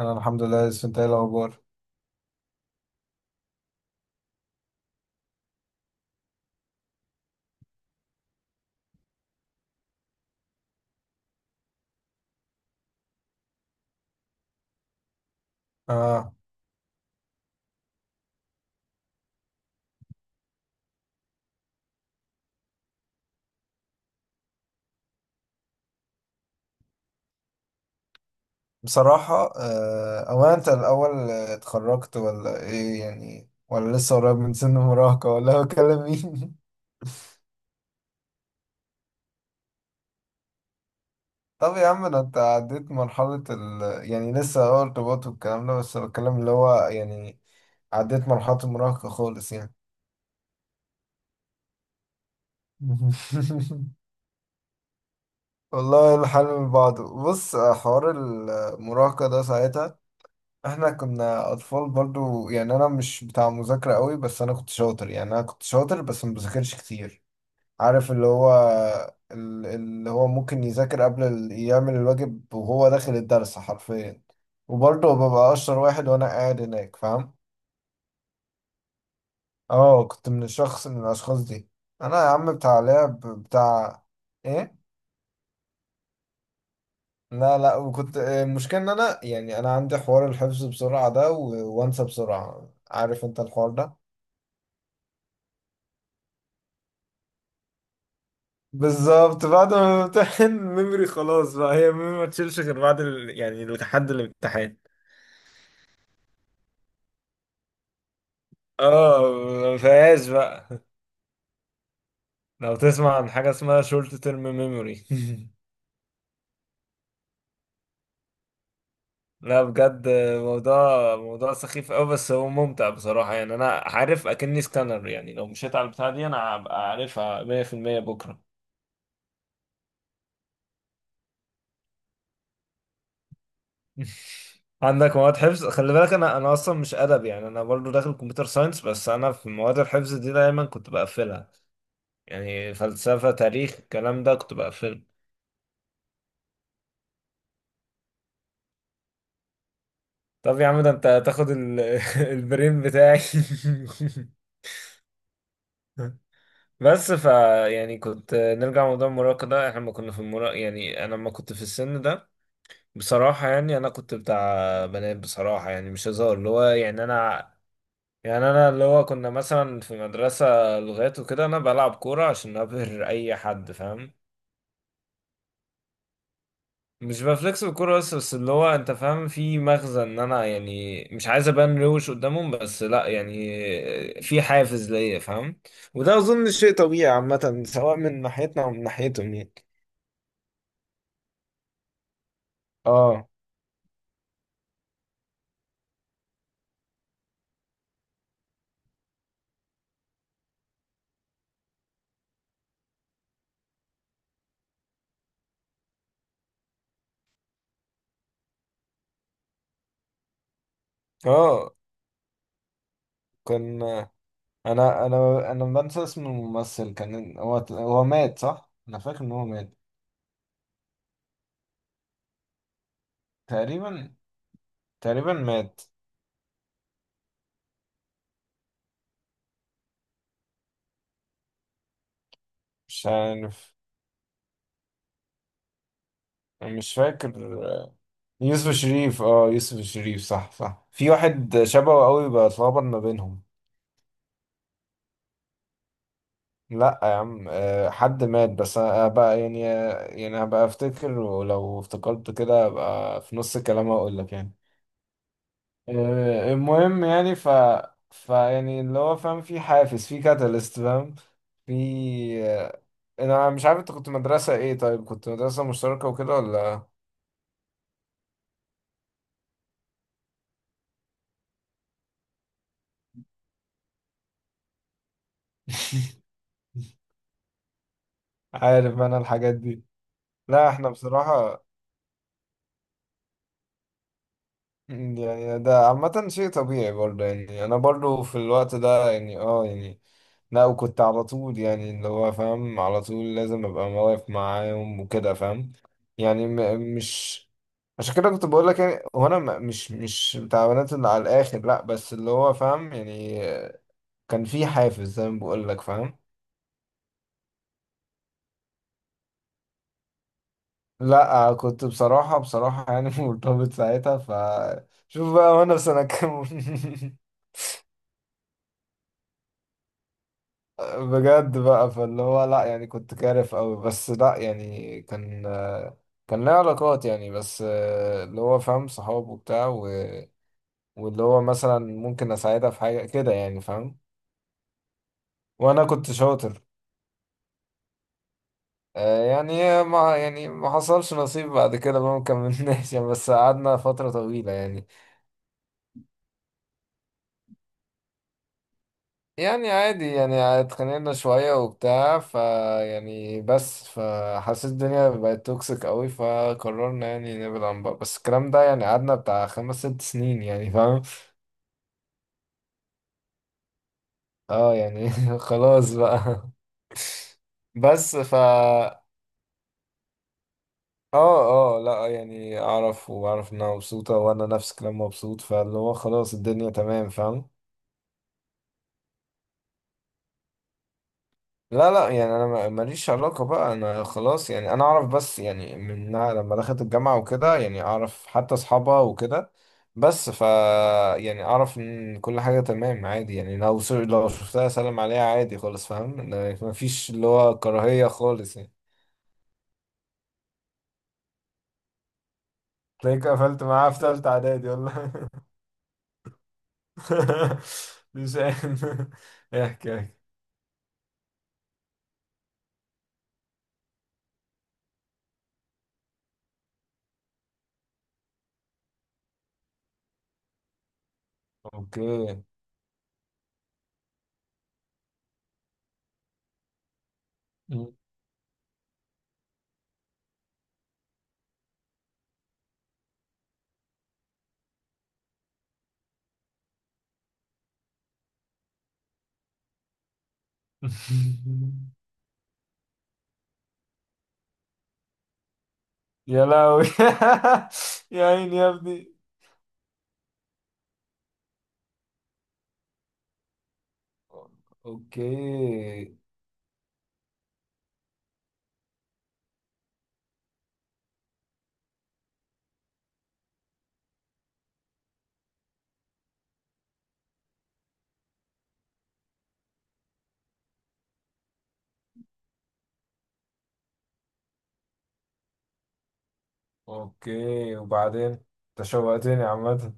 انا الحمد لله، لسه انت ايه الاخبار؟ اه، بصراحه آه. او انت الاول، آه، اتخرجت ولا ايه يعني، ولا لسه قريب من سن المراهقه، ولا بكلم مين؟ طب يا عم، ده انت عديت مرحله يعني لسه اه ارتباط والكلام ده، بس بتكلم اللي هو يعني عديت مرحله المراهقه خالص يعني. والله الحال من بعضه. بص آه، حوار المراهقه ده ساعتها احنا كنا اطفال برضو. يعني انا مش بتاع مذاكرة قوي، بس انا كنت شاطر، يعني انا كنت شاطر بس ما بذاكرش كتير. عارف اللي هو اللي هو ممكن يذاكر قبل يعمل الواجب وهو داخل الدرس حرفيا، وبرضه ببقى اشطر واحد وانا قاعد هناك، فاهم؟ اه كنت من الشخص، من الاشخاص دي. انا يا عم بتاع لعب بتاع. ايه؟ لا لا، وكنت المشكلة ان انا، يعني انا عندي حوار الحفظ بسرعة ده وانسى بسرعة، عارف انت الحوار ده. بالظبط، بعد ما بمتحن ميموري خلاص بقى، هي ميموري ما تشيلش غير بعد يعني لحد الامتحان. اه ما فيهاش بقى. لو تسمع عن حاجة اسمها شورت تيرم ميموري لا بجد، موضوع سخيف قوي، بس هو ممتع بصراحة. يعني انا عارف اكني سكانر، يعني لو مشيت على البتاع دي انا هبقى عارفها 100% بكرة عندك مواد حفظ؟ خلي بالك انا اصلا مش ادب، يعني انا برضو داخل كمبيوتر ساينس، بس انا في مواد الحفظ دي دايما كنت بقفلها، يعني فلسفة، تاريخ، الكلام ده كنت بقفله. طب يا عم ده انت هتاخد البرين بتاعي بس ف، يعني كنت نرجع لموضوع المراهقة ده، احنا لما كنا في المراهقة، يعني انا لما كنت في السن ده، بصراحة يعني انا كنت بتاع بنات، بصراحة يعني مش هزار. اللي هو يعني انا، يعني انا اللي هو كنا مثلا في مدرسة لغات وكده، انا بلعب كورة عشان ابهر اي حد، فاهم؟ مش بفلكس بالكورة، بس بس اللي هو انت فاهم في مغزى، ان انا يعني مش عايز ابان روش قدامهم، بس لا يعني في حافز ليا، فاهم؟ وده اظن شيء طبيعي عامة، سواء من ناحيتنا او من ناحيتهم يعني. اه. اه. كان، انا بنسى اسم الممثل. كان هو مات، صح؟ انا فاكر ان هو مات تقريبا. مات. مش عارف. مش فاكر. يوسف الشريف. اه يوسف الشريف، صح، في واحد شبهه قوي، بتلخبط ما بينهم. لا يا عم آه، حد مات. بس انا بقى يعني، يعني هبقى افتكر، ولو افتكرت كده هبقى في نص الكلام اقول لك يعني. آه، المهم يعني ف، ف يعني اللي هو فاهم، في حافز، في كاتاليست، فاهم؟ في آه، انا مش عارف انت كنت مدرسة ايه. طيب كنت مدرسة مشتركة وكده ولا؟ عارف انا الحاجات دي. لا احنا بصراحة، يعني ده عامة شيء طبيعي برضه. يعني أنا برضه في الوقت ده يعني اه يعني، لا وكنت على طول يعني اللي هو فاهم، على طول لازم أبقى واقف معاهم وكده، فاهم؟ يعني مش. عشان كده كنت بقول لك، يعني هو أنا مش بتاع بنات اللي على الآخر لأ، بس اللي هو فاهم يعني كان في حافز، زي ما بقول لك، فاهم؟ لأ كنت بصراحة، يعني مرتبط ساعتها ف. شوف بقى وأنا في سنة كام بجد بقى. فاللي هو لا يعني كنت كارف قوي، بس لا يعني كان، كان ليا علاقات يعني. بس اللي هو فاهم، صحاب وبتاع واللي هو مثلا ممكن اساعدها في حاجة كده يعني، فاهم؟ وانا كنت شاطر. آه، يعني ما، يعني ما حصلش نصيب بعد كده بقى، ما كملناش يعني، بس قعدنا فترة طويلة يعني. يعني عادي، يعني اتخانقنا شوية وبتاع ف، يعني بس، فحسيت الدنيا بقت توكسيك قوي، فقررنا يعني نبعد عن بعض، بس الكلام ده يعني قعدنا بتاع خمس ست سنين يعني، فاهم؟ اه يعني خلاص بقى. بس ف اه. اه لا يعني اعرف، واعرف انها مبسوطة، وانا نفس الكلام مبسوط، فاللي هو خلاص الدنيا تمام، فاهم؟ لا لا يعني انا ماليش علاقة بقى، انا خلاص، يعني انا اعرف. بس يعني من لما دخلت الجامعة وكده يعني اعرف حتى اصحابها وكده. بس ف، يعني اعرف ان كل حاجة تمام، عادي، يعني لو لو شفتها اسلم عليها عادي خالص، فاهم؟ مفيش اللي هو كراهية خالص يعني. تلاقيك قفلت معاها في تالتة اعدادي ولا؟ مش عارف. احكي، احكي. اوكي. يا لهوي. يا عيني يا ابني. اوكي. اوكي وبعدين؟ انت شوقتني عامة.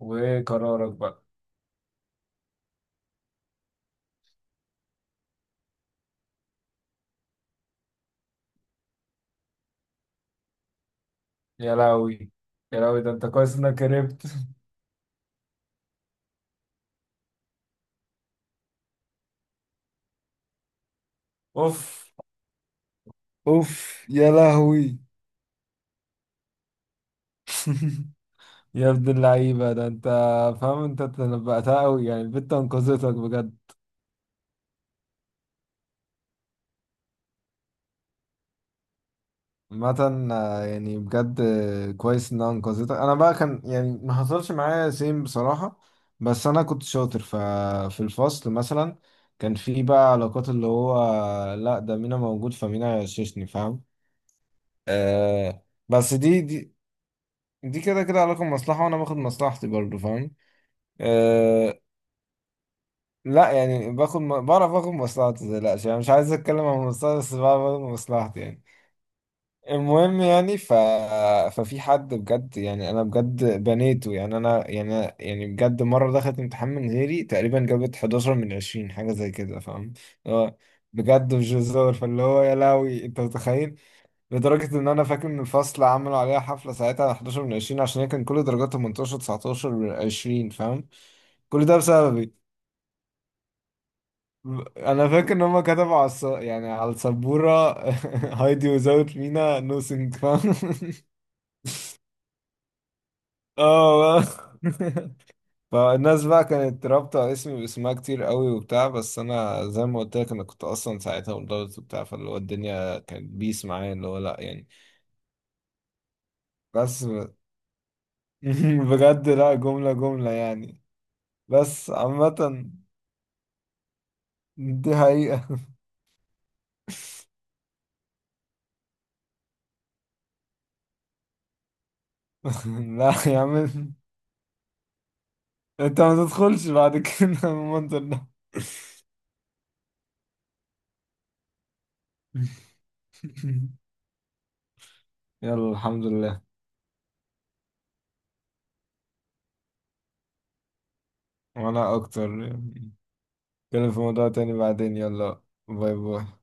وايه قرارك بقى؟ يا لهوي. يا لهوي، ده انت كويس انك هربت اوف. اوف، يا لهوي. يا ابن اللعيبة، ده انت فاهم، انت تنبأتها قوي يعني، البت انقذتك بجد. عامة آه، يعني بجد آه، كويس انها انقذتك. انا بقى كان يعني ما حصلش معايا سيم بصراحة، بس انا كنت شاطر ف، في الفصل مثلا كان في بقى علاقات اللي هو، لا ده مينا موجود، فمينا هيغششني، فاهم؟ آه. بس دي، دي كده كده علاقة مصلحة، وانا باخد مصلحتي برضه، فاهم؟ آه. لا يعني باخد بعرف اخد مصلحتي، متقلقش، يعني مش عايز اتكلم عن مصلحتي، بس بعرف اخد مصلحتي يعني. المهم يعني ف... ففي حد بجد، يعني انا بجد بنيته، يعني انا يعني، يعني بجد مره دخلت امتحان من غيري تقريبا، جابت 11 من 20، حاجه زي كده، فاهم؟ اللي هو بجد مش هزار، فاللي هو يا لهوي انت متخيل. لدرجه ان انا فاكر ان الفصل عملوا عليها حفله ساعتها على 11 من 20، عشان هي كان كل درجاتها 18، 19 من 20، فاهم؟ كل ده بسببي. انا فاكر ان هم كتبوا على يعني على السبوره هايدي وزاوت مينا نو سينج، فاهم؟ اه فالناس بقى كانت رابطة اسمي باسمها كتير قوي وبتاع، بس انا زي ما قلت لك انا كنت اصلا ساعتها مدرس وبتاع، فاللي هو الدنيا كانت بيس معايا، اللي هو لا يعني. بس بجد، لا جملة يعني. بس عامة دي حقيقة. لا يا عم، انت ما تدخلش بعد كده المنظر ده يلا الحمد لله. وانا اكتر. نتكلم في موضوع تاني بعدين. يلا، باي باي.